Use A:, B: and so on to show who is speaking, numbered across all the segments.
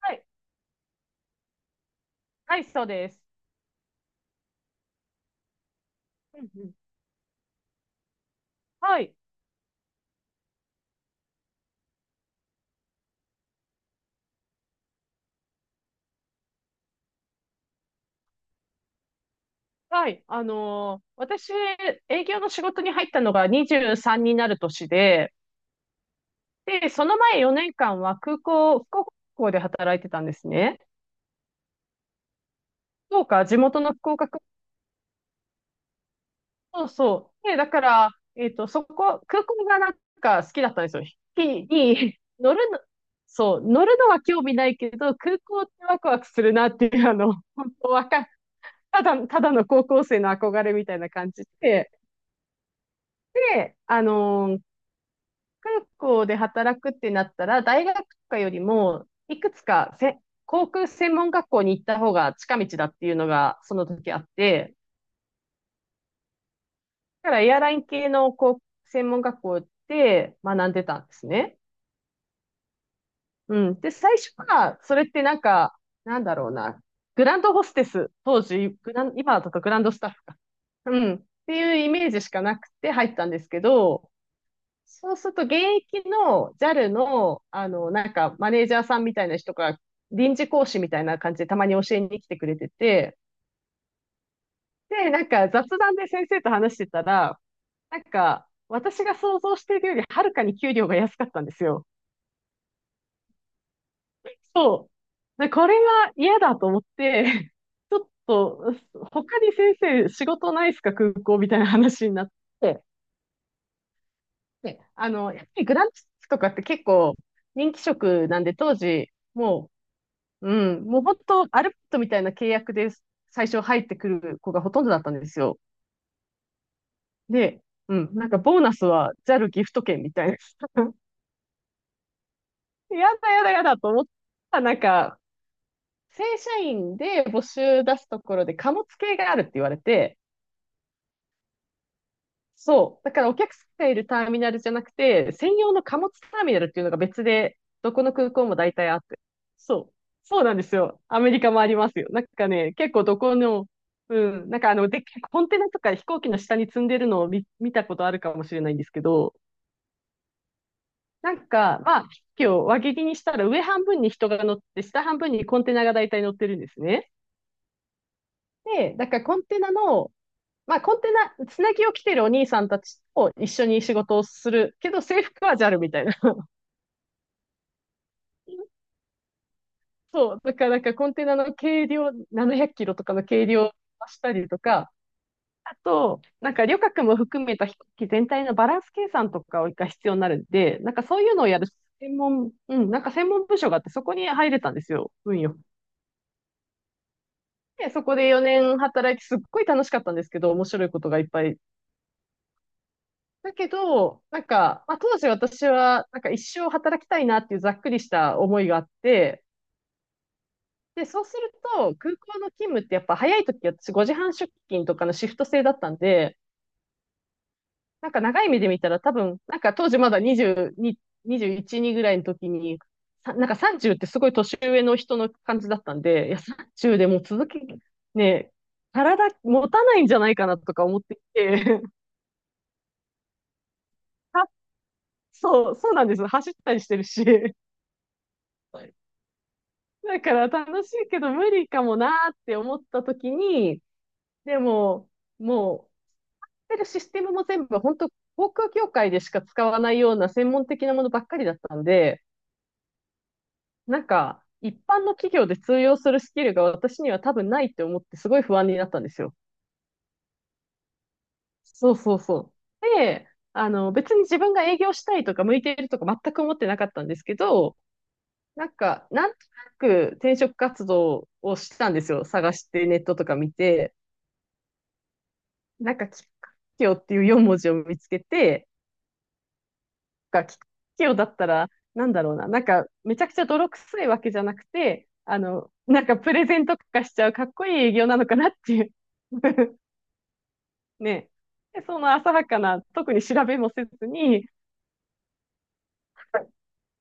A: はい、はい、そうです。うんうん、はい、はい。私、営業の仕事に入ったのが23になる年で、で、その前4年間は空港、福岡空港で働いてたんですね。福岡、地元の福岡空港、そう。で、だから、そこ、空港がなんか好きだったんですよ。飛行機に 乗るの、そう、乗るのは興味ないけど、空港ってワクワクするなっていう、本当わか、ただの高校生の憧れみたいな感じで、で、空港で働くってなったら、大学とかよりも、いくつかせ航空専門学校に行った方が近道だっていうのが、その時あって、だからエアライン系の航空専門学校で学んでたんですね。うん。で、最初は、それってなんか、なんだろうな、グランドホステス、当時、グラン、今だとグランドスタッフか。うん。っていうイメージしかなくて入ったんですけど、そうすると、現役の JAL の、マネージャーさんみたいな人が、臨時講師みたいな感じでたまに教えに来てくれてて、で、なんか雑談で先生と話してたら、なんか、私が想像しているよりはるかに給料が安かったんですよ。そう。で、これは嫌だと思って、ちょっと、他に先生仕事ないですか、空港みたいな話になって、で、やっぱりグランツとかって結構人気職なんで、当時、うもう本当、アルバイトみたいな契約で最初入ってくる子がほとんどだったんですよ。で、うん、なんかボーナスはジャルギフト券みたいな。やだやだやだと思ったら、なんか、正社員で募集出すところで貨物系があるって言われて、そう。だからお客さんがいるターミナルじゃなくて、専用の貨物ターミナルっていうのが別で、どこの空港も大体あって。そう。そうなんですよ。アメリカもありますよ。なんかね、結構どこの、うん、なんかでっかいコンテナとか飛行機の下に積んでるのを見たことあるかもしれないんですけど、なんか、まあ、飛行機を輪切りにしたら上半分に人が乗って、下半分にコンテナが大体乗ってるんですね。で、だからコンテナ、つなぎを着てるお兄さんたちを一緒に仕事をするけど、制服はジャルみたいな。そう。だから、なんかコンテナの軽量、700キロとかの軽量をしたりとか、あと、なんか旅客も含めた飛行機全体のバランス計算とかが必要になるんで、なんかそういうのをやる専門、うん、なんか専門部署があって、そこに入れたんですよ。運よく。で、そこで4年働いて、すっごい楽しかったんですけど、面白いことがいっぱいだけど、なんか、まあ、当時私は、なんか一生働きたいなっていうざっくりした思いがあって、で、そうすると、空港の勤務ってやっぱ早い時私5時半出勤とかのシフト制だったんで、なんか長い目で見たら多分、なんか当時まだ22、21、2ぐらいの時に、なんか30ってすごい年上の人の感じだったんで、いや、30でもう続きね、体持たないんじゃないかなとか思ってきて、あそう、そうなんです。走ったりしてるし。だから楽しいけど無理かもなーって思った時に、でも、もう、やってるシステムも全部本当航空業界でしか使わないような専門的なものばっかりだったんで、なんか、一般の企業で通用するスキルが私には多分ないって思ってすごい不安になったんですよ。そうそうそう。で、別に自分が営業したいとか向いているとか全く思ってなかったんですけど、なんか、なんとなく転職活動をしたんですよ。探してネットとか見て。なんか、きっかけをっていう4文字を見つけて、が、きっかけをだったら、なんだろうな、なんか、めちゃくちゃ泥臭いわけじゃなくて、なんかプレゼント化しちゃうかっこいい営業なのかなっていう。ね。で、その浅はかな、特に調べもせずに、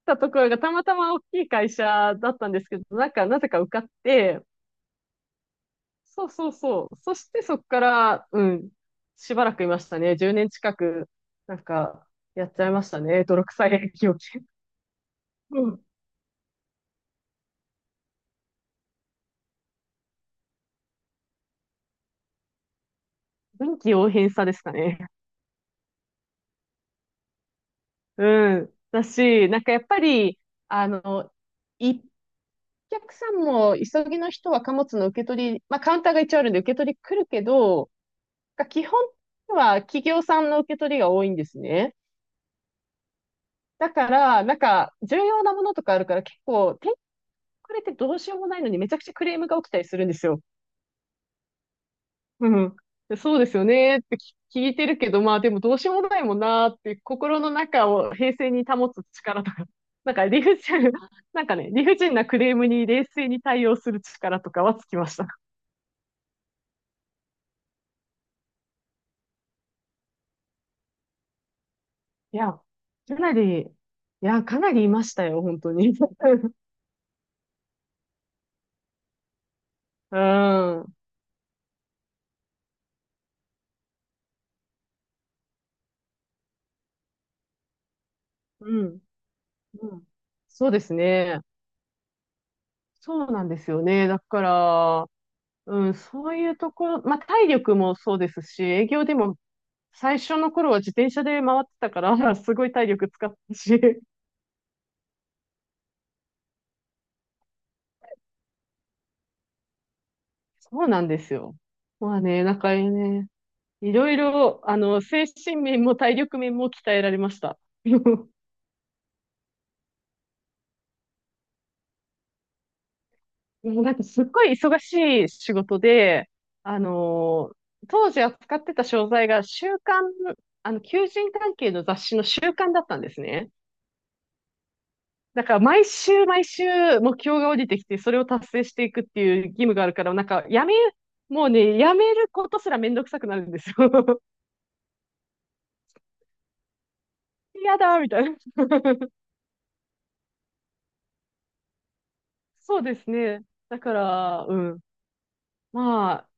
A: たところがたまたま大きい会社だったんですけど、なんか、なぜか受かって、そうそうそう。そしてそこから、うん、しばらくいましたね。10年近く、なんか、やっちゃいましたね。泥臭い営業うん。臨機応変さですかね。うん。だし、なんかやっぱり、あの、一お客さんも急ぎの人は貨物の受け取り、まあカウンターが一応あるんで受け取り来るけど、基本は企業さんの受け取りが多いんですね。だから、なんか重要なものとかあるから結構、手遅れてどうしようもないのにめちゃくちゃクレームが起きたりするんですよ。うん。そうですよねって聞いてるけど、まあでもどうしようもないもんなーって、心の中を平静に保つ力とか、なんか理不尽、なんかね、理不尽なクレームに冷静に対応する力とかはつきました。いや、いや、かなりいましたよ、本当に。うん。うん。うん。そうですね。そうなんですよね。だから、うん、そういうところ、まあ体力もそうですし、営業でも最初の頃は自転車で回ってたから、すごい体力使ったし、そうなんですよ。まあね、なんかね、いろいろ、精神面も体力面も鍛えられました。もうなんかすっごい忙しい仕事で、あの当時扱ってた商材が週刊、求人関係の雑誌の週刊だったんですね。だから毎週毎週目標が降りてきて、それを達成していくっていう義務があるから、なんかやめ、もうね、やめることすらめんどくさくなるんですよ。嫌だみたいな。そうですね。だから、うん。まあ、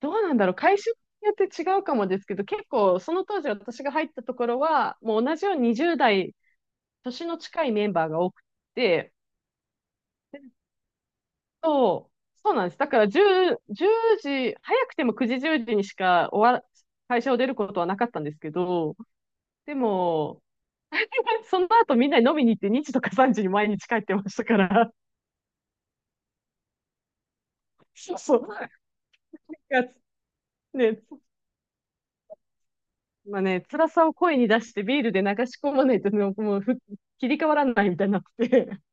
A: どうなんだろう。会社によって違うかもですけど、結構その当時私が入ったところは、もう同じように20代、年の近いメンバーが多くて、そう、そうなんです。だから10、時、早くても9時、10時にしか終わら、会社を出ることはなかったんですけど、でも、その後みんなに飲みに行って2時とか3時に毎日帰ってましたから、そうそう。なんかね、まあね、辛さを声に出してビールで流し込まないとね、もう切り替わらないみたいになってて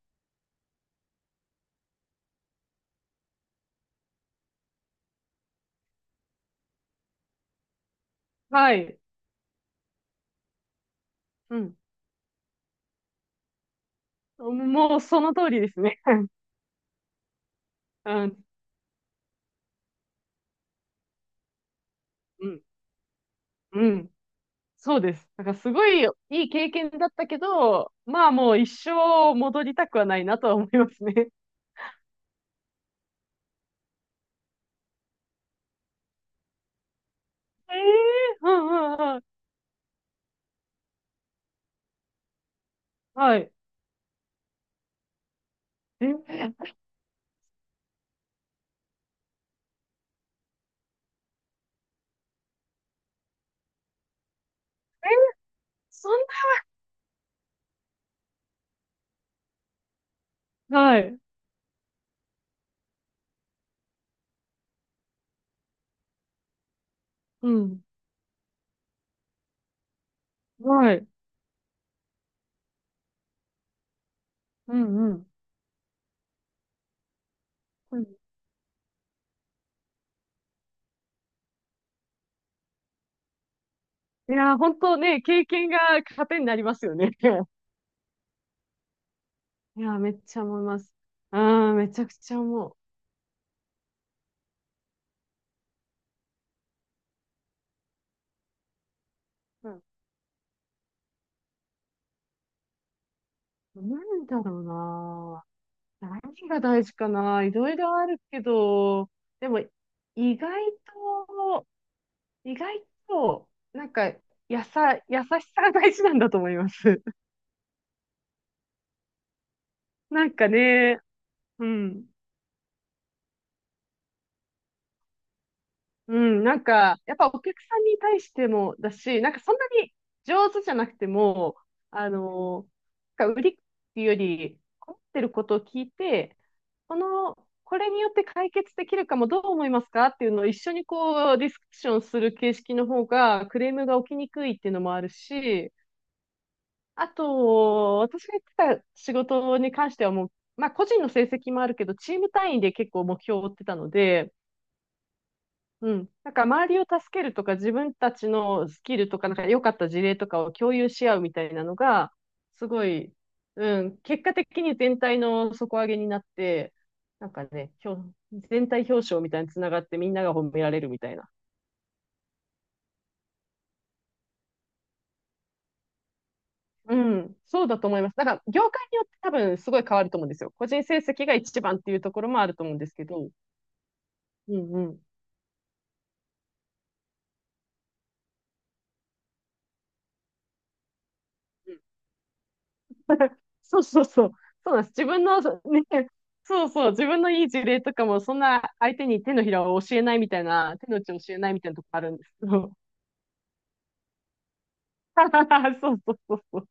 A: はい。うん。もうその通りですね。うん。うん。うん。そうです。だからすごいいい経験だったけど、まあもう一生戻りたくはないなとは思いますね。ええうんうんうん。はい。え、え、そんな、はい。うん。はい。うんうん。うんいやー、本当ね、経験が糧になりますよね。いやー、めっちゃ思います。うん、めちゃくちゃ思う。うん、なんだろうな。何が大事かな。いろいろあるけど、でも、意外と、意外と、なんか、優しさが大事なんだと思います。なんかね、うん。うん、なんか、やっぱお客さんに対してもだし、なんかそんなに上手じゃなくても、あの、なんか売りっていうより、困ってることを聞いて、この、これによって解決できるかもどう思いますかっていうのを一緒にこうディスカッションする形式の方がクレームが起きにくいっていうのもあるし、あと、私が言ってた仕事に関してはもう、まあ個人の成績もあるけど、チーム単位で結構目標を追ってたので、うん。なんか周りを助けるとか、自分たちのスキルとか、なんか良かった事例とかを共有し合うみたいなのが、すごい、うん。結果的に全体の底上げになって、なんかね、全体表彰みたいにつながってみんなが褒められるみたいな。うん、そうだと思います。だから、業界によって多分すごい変わると思うんですよ。個人成績が一番っていうところもあると思うんですけど、うんうん。うんそうそうそう。そうなんです。自分の、そうね、そうそう。自分のいい事例とかも、そんな相手に手のひらを教えないみたいな、手の内を教えないみたいなとこあるんですけど。そうそうそうそう。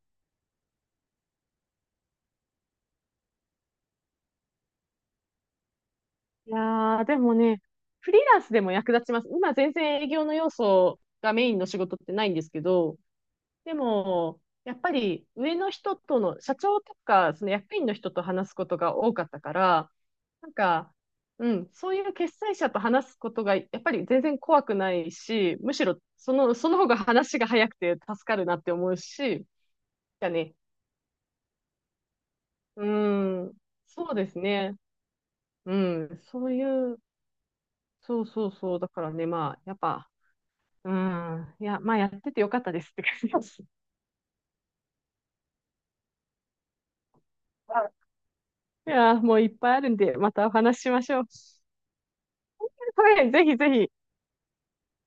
A: いやー、でもね、フリーランスでも役立ちます。今全然営業の要素がメインの仕事ってないんですけど、でも、やっぱり上の人との、社長とか、その役員の人と話すことが多かったから、なんか、うん、そういう決裁者と話すことが、やっぱり全然怖くないし、むしろその方が話が早くて助かるなって思うし、だね、うん、そうですね。うん、そういう、そうそうそう、だからね、まあ、やっぱ、うん、いや、まあ、やっててよかったですって感じです。いや、もういっぱいあるんで、またお話ししましょう。はい、ぜひぜひ。